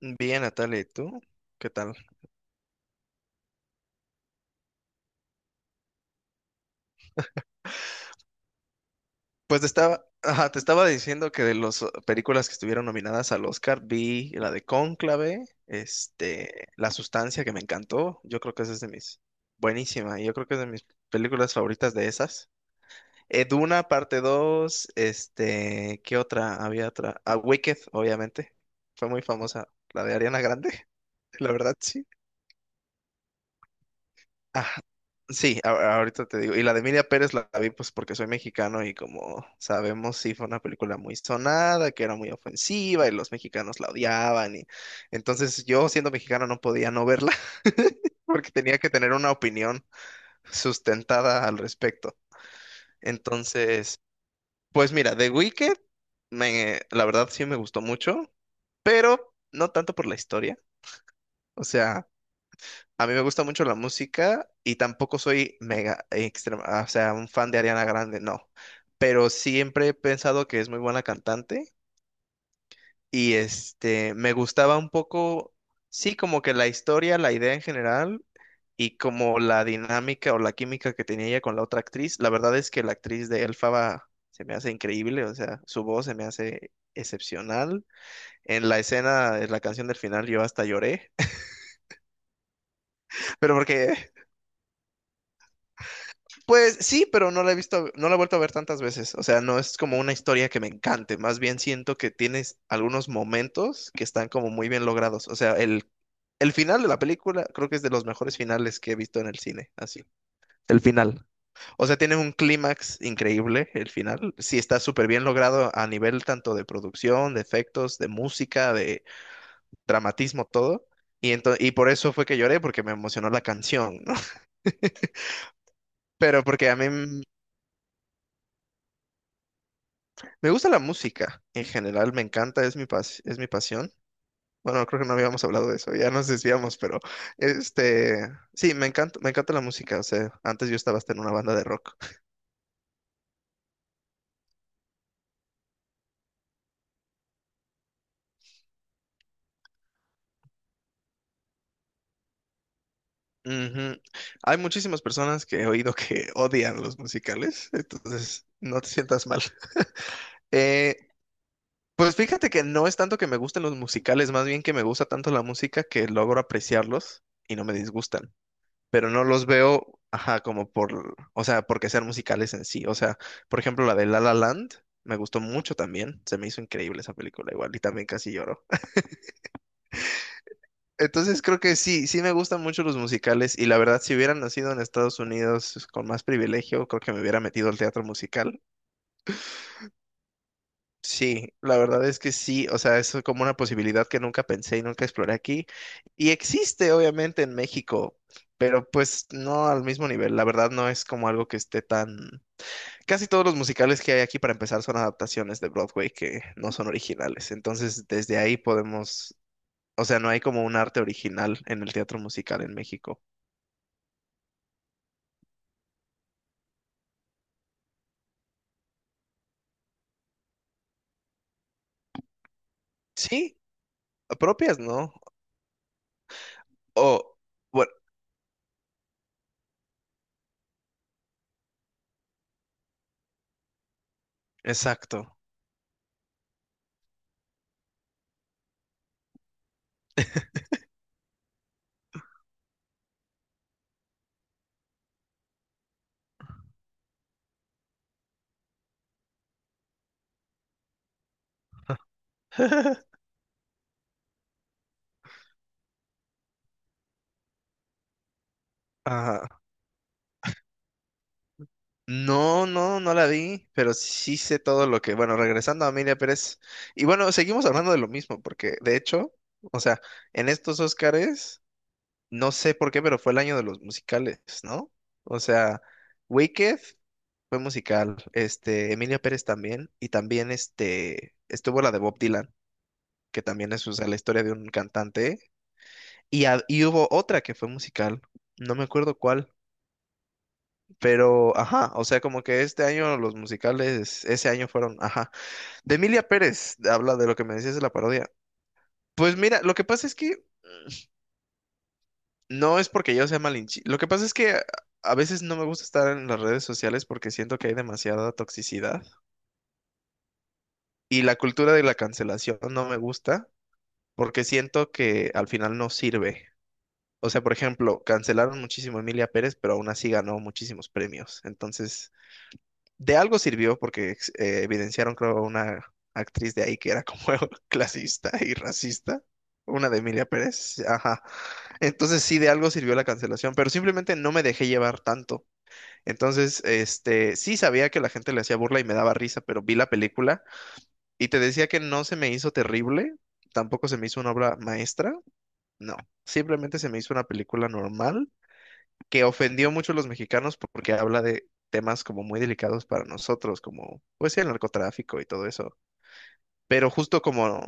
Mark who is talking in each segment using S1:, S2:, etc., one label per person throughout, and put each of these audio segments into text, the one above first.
S1: Bien, Natalia, ¿y tú? ¿Qué tal? Pues ajá, te estaba diciendo que de las películas que estuvieron nominadas al Oscar, vi la de Cónclave, este, La Sustancia, que me encantó. Yo creo que esa es buenísima, y yo creo que es de mis películas favoritas de esas. Duna, parte 2, este, ¿qué otra? Había otra. A Wicked, obviamente. Fue muy famosa. La de Ariana Grande, la verdad, sí. Ah, sí, ahorita te digo. Y la de Emilia Pérez la vi pues porque soy mexicano y, como sabemos, sí fue una película muy sonada, que era muy ofensiva y los mexicanos la odiaban, y entonces yo, siendo mexicano, no podía no verla porque tenía que tener una opinión sustentada al respecto. Entonces, pues mira, The Wicked me, la verdad, sí me gustó mucho, pero no tanto por la historia. O sea, a mí me gusta mucho la música y tampoco soy mega extrema, o sea, un fan de Ariana Grande, no. Pero siempre he pensado que es muy buena cantante y este me gustaba un poco, sí, como que la historia, la idea en general y como la dinámica o la química que tenía ella con la otra actriz. La verdad es que la actriz de Elfaba se me hace increíble, o sea, su voz se me hace excepcional. En la escena, en la canción del final, yo hasta lloré. Pero porque Pues sí, pero no la he visto, no la he vuelto a ver tantas veces. O sea, no es como una historia que me encante. Más bien siento que tienes algunos momentos que están como muy bien logrados. O sea, el final de la película creo que es de los mejores finales que he visto en el cine. Así. El final. O sea, tiene un clímax increíble el final. Sí, está súper bien logrado a nivel tanto de producción, de efectos, de música, de dramatismo, todo. Y por eso fue que lloré, porque me emocionó la canción, ¿no? Pero porque a mí Me gusta la música en general, me encanta, es mi es mi pasión. Bueno, creo que no habíamos hablado de eso, ya nos desviamos, pero este, sí, me encanta la música, o sea, antes yo estaba hasta en una banda de rock. Ujú. Hay muchísimas personas que he oído que odian los musicales, entonces no te sientas mal. Eh, pues fíjate que no es tanto que me gusten los musicales, más bien que me gusta tanto la música que logro apreciarlos y no me disgustan. Pero no los veo, ajá, como por, o sea, porque sean musicales en sí. O sea, por ejemplo, la de La La Land me gustó mucho también. Se me hizo increíble esa película igual y también casi lloro. Entonces creo que sí, sí me gustan mucho los musicales, y la verdad, si hubiera nacido en Estados Unidos con más privilegio, creo que me hubiera metido al teatro musical. Sí, la verdad es que sí, o sea, es como una posibilidad que nunca pensé y nunca exploré aquí. Y existe obviamente en México, pero pues no al mismo nivel. La verdad no es como algo que esté tan, casi todos los musicales que hay aquí para empezar son adaptaciones de Broadway que no son originales. Entonces, desde ahí podemos, o sea, no hay como un arte original en el teatro musical en México. Sí, propias, ¿no? O, bueno, exacto. Ajá. No, no, no la vi, pero sí sé todo lo que, bueno, regresando a Amelia Pérez, y bueno, seguimos hablando de lo mismo, porque de hecho, o sea, en estos Óscares no sé por qué, pero fue el año de los musicales, ¿no? O sea, Wicked fue musical, este, Emilia Pérez también, y también este, estuvo la de Bob Dylan, que también es, o sea, la historia de un cantante, y, a- y hubo otra que fue musical, no me acuerdo cuál, pero, ajá, o sea, como que este año los musicales, ese año fueron, ajá, de Emilia Pérez, habla de lo que me decías de la parodia. Pues mira, lo que pasa es que... No es porque yo sea malinchista. Lo que pasa es que a veces no me gusta estar en las redes sociales porque siento que hay demasiada toxicidad y la cultura de la cancelación no me gusta porque siento que al final no sirve. O sea, por ejemplo, cancelaron muchísimo a Emilia Pérez, pero aún así ganó muchísimos premios. Entonces, de algo sirvió porque evidenciaron, creo, a una actriz de ahí que era como clasista y racista. Una de Emilia Pérez, ajá. Entonces sí, de algo sirvió la cancelación, pero simplemente no me dejé llevar tanto. Entonces, este, sí sabía que la gente le hacía burla y me daba risa, pero vi la película y te decía que no se me hizo terrible, tampoco se me hizo una obra maestra, no, simplemente se me hizo una película normal que ofendió mucho a los mexicanos porque habla de temas como muy delicados para nosotros, como pues sí, el narcotráfico y todo eso. Pero justo como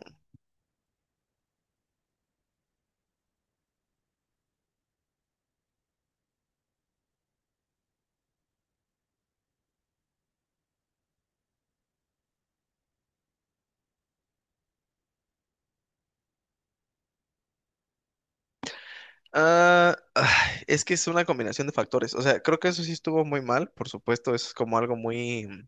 S1: ah, ay, es que es una combinación de factores. O sea, creo que eso sí estuvo muy mal, por supuesto, eso es como algo muy.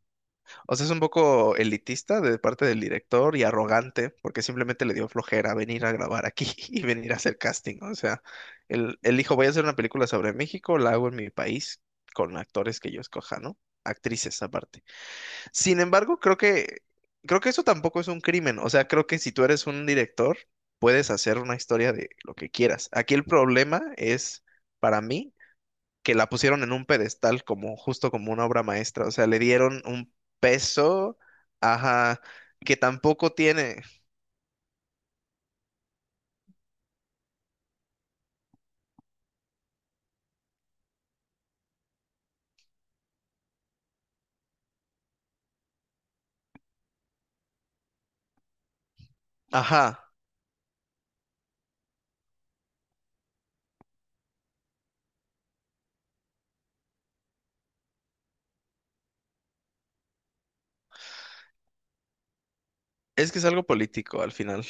S1: O sea, es un poco elitista de parte del director y arrogante, porque simplemente le dio flojera venir a grabar aquí y venir a hacer casting. O sea, él dijo, voy a hacer una película sobre México, la hago en mi país con actores que yo escoja, ¿no? Actrices aparte. Sin embargo, creo que eso tampoco es un crimen. O sea, creo que si tú eres un director, puedes hacer una historia de lo que quieras. Aquí el problema es, para mí, que la pusieron en un pedestal como justo como una obra maestra, o sea, le dieron un peso, ajá, que tampoco tiene, ajá. Es que es algo político al final.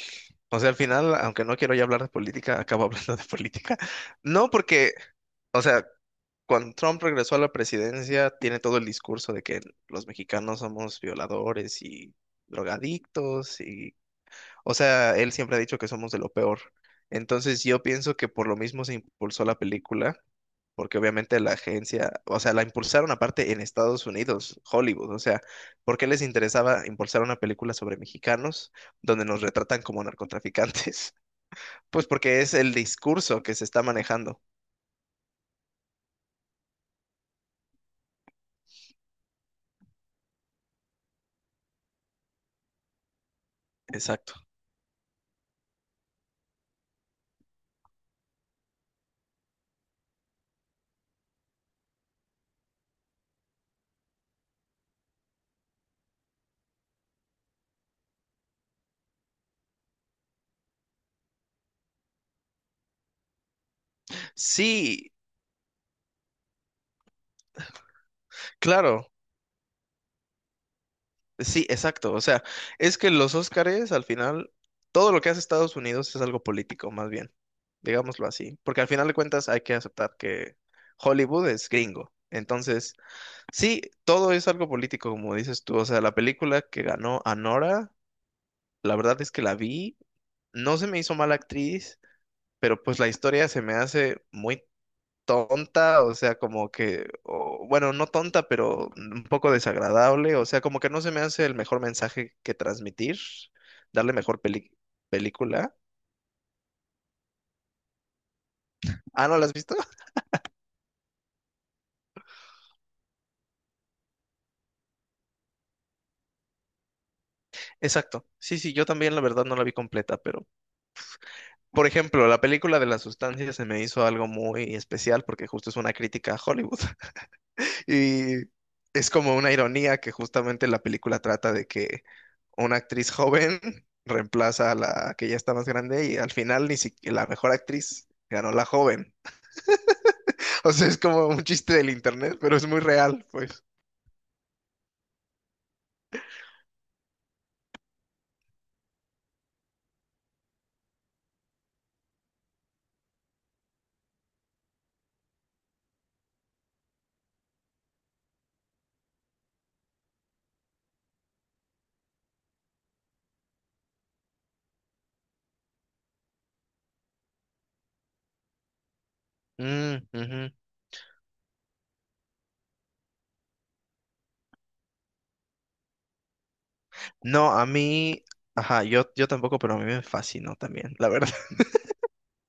S1: O sea, al final, aunque no quiero ya hablar de política, acabo hablando de política. No porque, o sea, cuando Trump regresó a la presidencia, tiene todo el discurso de que los mexicanos somos violadores y drogadictos y, o sea, él siempre ha dicho que somos de lo peor. Entonces yo pienso que por lo mismo se impulsó la película, porque obviamente la agencia, o sea, la impulsaron aparte en Estados Unidos, Hollywood, o sea, ¿por qué les interesaba impulsar una película sobre mexicanos donde nos retratan como narcotraficantes? Pues porque es el discurso que se está manejando. Exacto. Sí, claro. Sí, exacto. O sea, es que los Óscares, al final, todo lo que hace Estados Unidos es algo político, más bien. Digámoslo así. Porque al final de cuentas hay que aceptar que Hollywood es gringo. Entonces, sí, todo es algo político, como dices tú. O sea, la película que ganó Anora, la verdad es que la vi, no se me hizo mala actriz, pero pues la historia se me hace muy tonta, o sea, como que, o bueno, no tonta, pero un poco desagradable, o sea, como que no se me hace el mejor mensaje que transmitir, darle mejor película. Ah, ¿no la has visto? Exacto. Sí, sí, yo también, la verdad, no la vi completa, pero por ejemplo, la película de las sustancias se me hizo algo muy especial porque justo es una crítica a Hollywood. Y es como una ironía que justamente la película trata de que una actriz joven reemplaza a la que ya está más grande, y al final ni siquiera la mejor actriz ganó, la joven. O sea, es como un chiste del internet, pero es muy real, pues. Mm, ujú. No, a mí, ajá, yo tampoco, pero a mí me fascinó también, la verdad.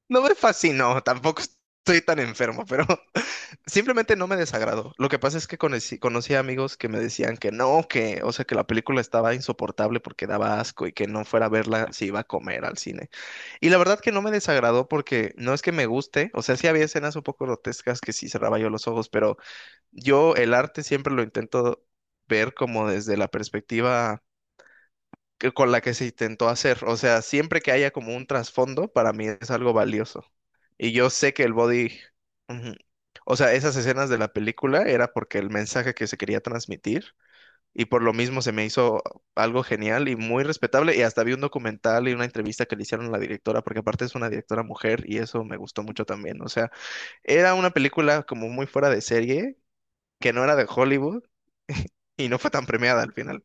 S1: No me fascinó, tampoco estoy tan enfermo, pero simplemente no me desagradó. Lo que pasa es que conocí amigos que me decían que no, que, o sea, que la película estaba insoportable porque daba asco y que no fuera a verla si iba a comer al cine. Y la verdad que no me desagradó porque no es que me guste, o sea, sí había escenas un poco grotescas que sí cerraba yo los ojos, pero yo el arte siempre lo intento ver como desde la perspectiva con la que se intentó hacer. O sea, siempre que haya como un trasfondo, para mí es algo valioso. Y yo sé que el body, ujú. O sea, esas escenas de la película era porque el mensaje que se quería transmitir, y por lo mismo se me hizo algo genial y muy respetable, y hasta vi un documental y una entrevista que le hicieron a la directora, porque aparte es una directora mujer y eso me gustó mucho también. O sea, era una película como muy fuera de serie que no era de Hollywood y no fue tan premiada al final.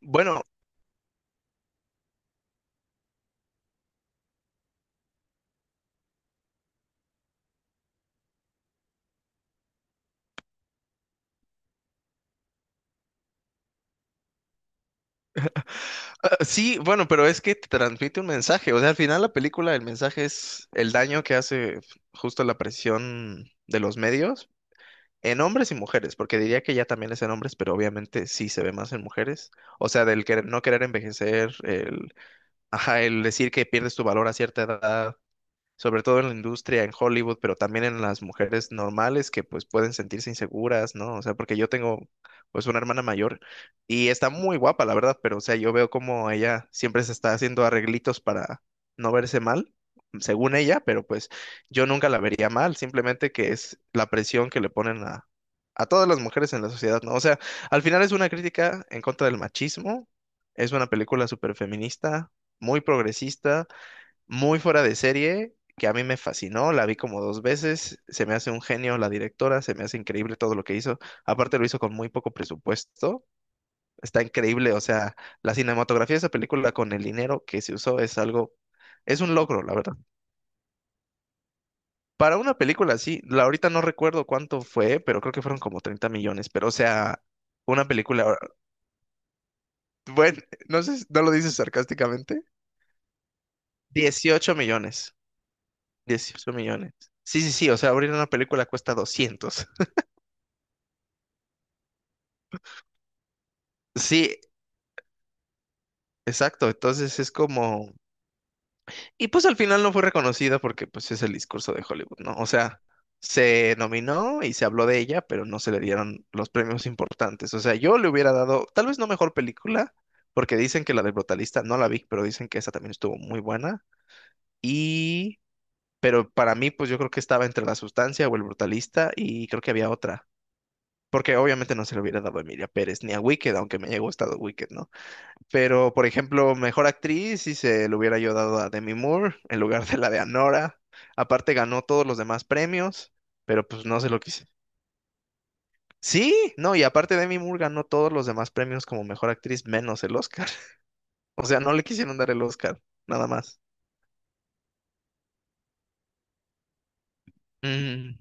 S1: Bueno, ah, sí, bueno, pero es que te transmite un mensaje. O sea, al final la película, el mensaje es el daño que hace justo la presión de los medios en hombres y mujeres, porque diría que ya también es en hombres, pero obviamente sí se ve más en mujeres. O sea, del que no querer envejecer, el, ajá, el decir que pierdes tu valor a cierta edad, sobre todo en la industria, en Hollywood, pero también en las mujeres normales que pues pueden sentirse inseguras, ¿no? O sea, porque yo tengo pues una hermana mayor y está muy guapa, la verdad, pero o sea, yo veo como ella siempre se está haciendo arreglitos para no verse mal, según ella, pero pues yo nunca la vería mal, simplemente que es la presión que le ponen a todas las mujeres en la sociedad, ¿no? O sea, al final es una crítica en contra del machismo, es una película súper feminista, muy progresista, muy fuera de serie, que a mí me fascinó, la vi como dos veces, se me hace un genio la directora, se me hace increíble todo lo que hizo, aparte lo hizo con muy poco presupuesto, está increíble, o sea, la cinematografía de esa película con el dinero que se usó es algo, es un logro, la verdad. Para una película así, la ahorita no recuerdo cuánto fue, pero creo que fueron como 30 millones, pero o sea, una película, bueno, no sé, no lo dices sarcásticamente. 18 millones. 18 millones. Sí, sí, sí, o sea, abrir una película cuesta 200. Sí, exacto. Entonces es como... Y pues al final no fue reconocida porque pues es el discurso de Hollywood, ¿no? O sea, se nominó y se habló de ella, pero no se le dieron los premios importantes. O sea, yo le hubiera dado, tal vez no mejor película, porque dicen que la del Brutalista no la vi, pero dicen que esa también estuvo muy buena. Y... Pero para mí, pues yo creo que estaba entre La Sustancia o El Brutalista y creo que había otra. Porque obviamente no se le hubiera dado a Emilia Pérez ni a Wicked, aunque me haya gustado Wicked, ¿no? Pero, por ejemplo, mejor actriz, si se lo hubiera yo dado a Demi Moore en lugar de la de Anora. Aparte ganó todos los demás premios, pero pues no se lo quise. Sí, no, y aparte Demi Moore ganó todos los demás premios como mejor actriz menos el Oscar. O sea, no le quisieron dar el Oscar, nada más. Mm,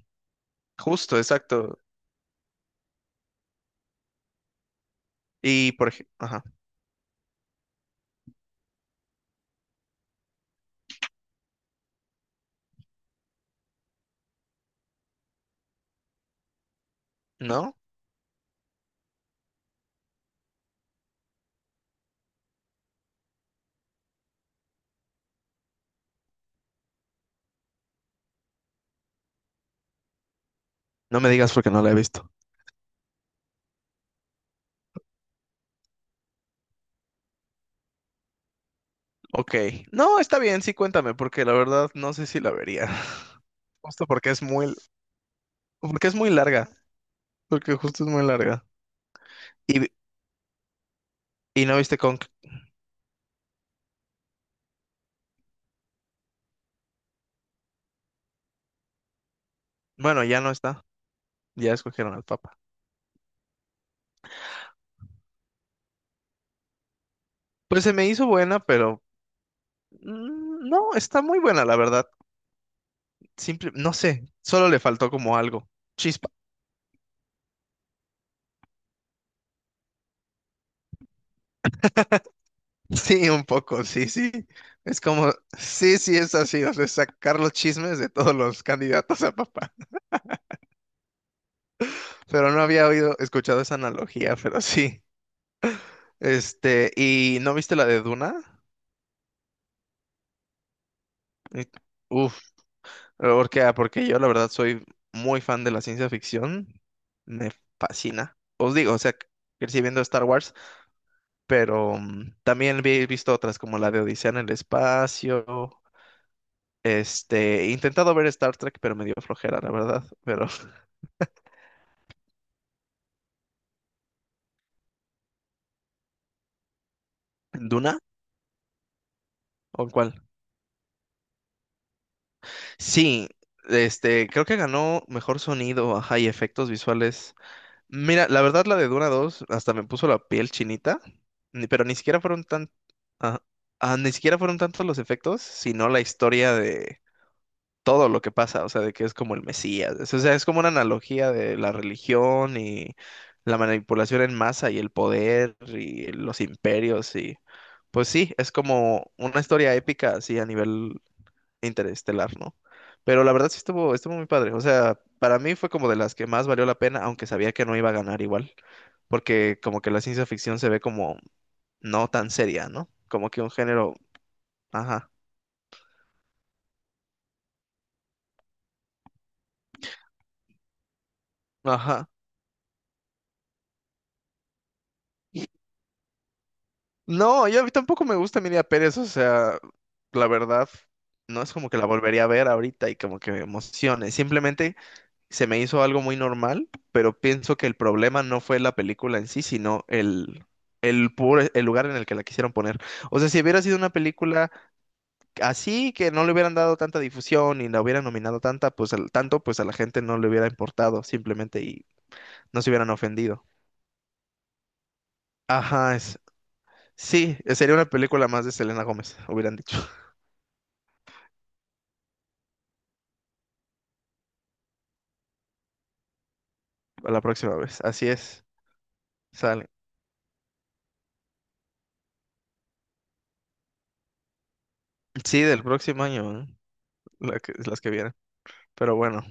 S1: justo, exacto. Y por ejemplo, ajá, ¿no? No me digas porque no la he visto. Ok, no, está bien, sí, cuéntame, porque la verdad no sé si la vería. Justo porque es muy larga, porque justo es muy larga. Y, y no viste con... Bueno, ya no está. Ya escogieron al Papa. Pues se me hizo buena, pero... Mm, no, está muy buena, la verdad. Simple, no sé, solo le faltó como algo. Chispa. Sí, un poco, sí, sí. Es como, sí, sí, es así, o sea, sacar los chismes de todos los candidatos a papá. Pero no había oído, escuchado esa analogía, pero sí. Este, ¿y no viste la de Duna? Y- Uf, Porque yo la verdad soy muy fan de la ciencia ficción. Me fascina. Os digo, o sea, crecí viendo Star Wars, pero también he visto otras como la de Odisea en el espacio. Este, he intentado ver Star Trek, pero me dio flojera, la verdad. Pero, ¿Duna? ¿O cuál? Sí, este, creo que ganó mejor sonido, ajá, y efectos visuales. Mira, la verdad la de Duna dos hasta me puso la piel chinita, pero ni siquiera fueron tan, ah, ni siquiera fueron tantos los efectos, sino la historia de todo lo que pasa, o sea, de que es como el Mesías, o sea, es como una analogía de la religión y la manipulación en masa y el poder y los imperios y pues sí, es como una historia épica así a nivel Interestelar, ¿no? Pero la verdad sí estuvo muy padre. O sea, para mí fue como de las que más valió la pena, aunque sabía que no iba a ganar igual, porque como que la ciencia ficción se ve como no tan seria, ¿no? Como que un género, ajá, ajá. No, yo a mí tampoco me gusta Emilia Pérez, o sea, la verdad, no es como que la volvería a ver ahorita y como que me emocione. Simplemente se me hizo algo muy normal, pero pienso que el problema no fue la película en sí, sino el lugar en el que la quisieron poner. O sea, si hubiera sido una película así, que no le hubieran dado tanta difusión y la hubieran nominado tanta, pues al, tanto, pues a la gente no le hubiera importado simplemente y no se hubieran ofendido. Ajá, sí, sería una película más de Selena Gómez, hubieran dicho, a la próxima vez. Así es, sale. Sí, del próximo año, ¿eh? La que- las que vienen. Pero bueno,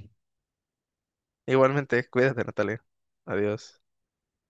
S1: igualmente, cuídate, Natalia. Adiós.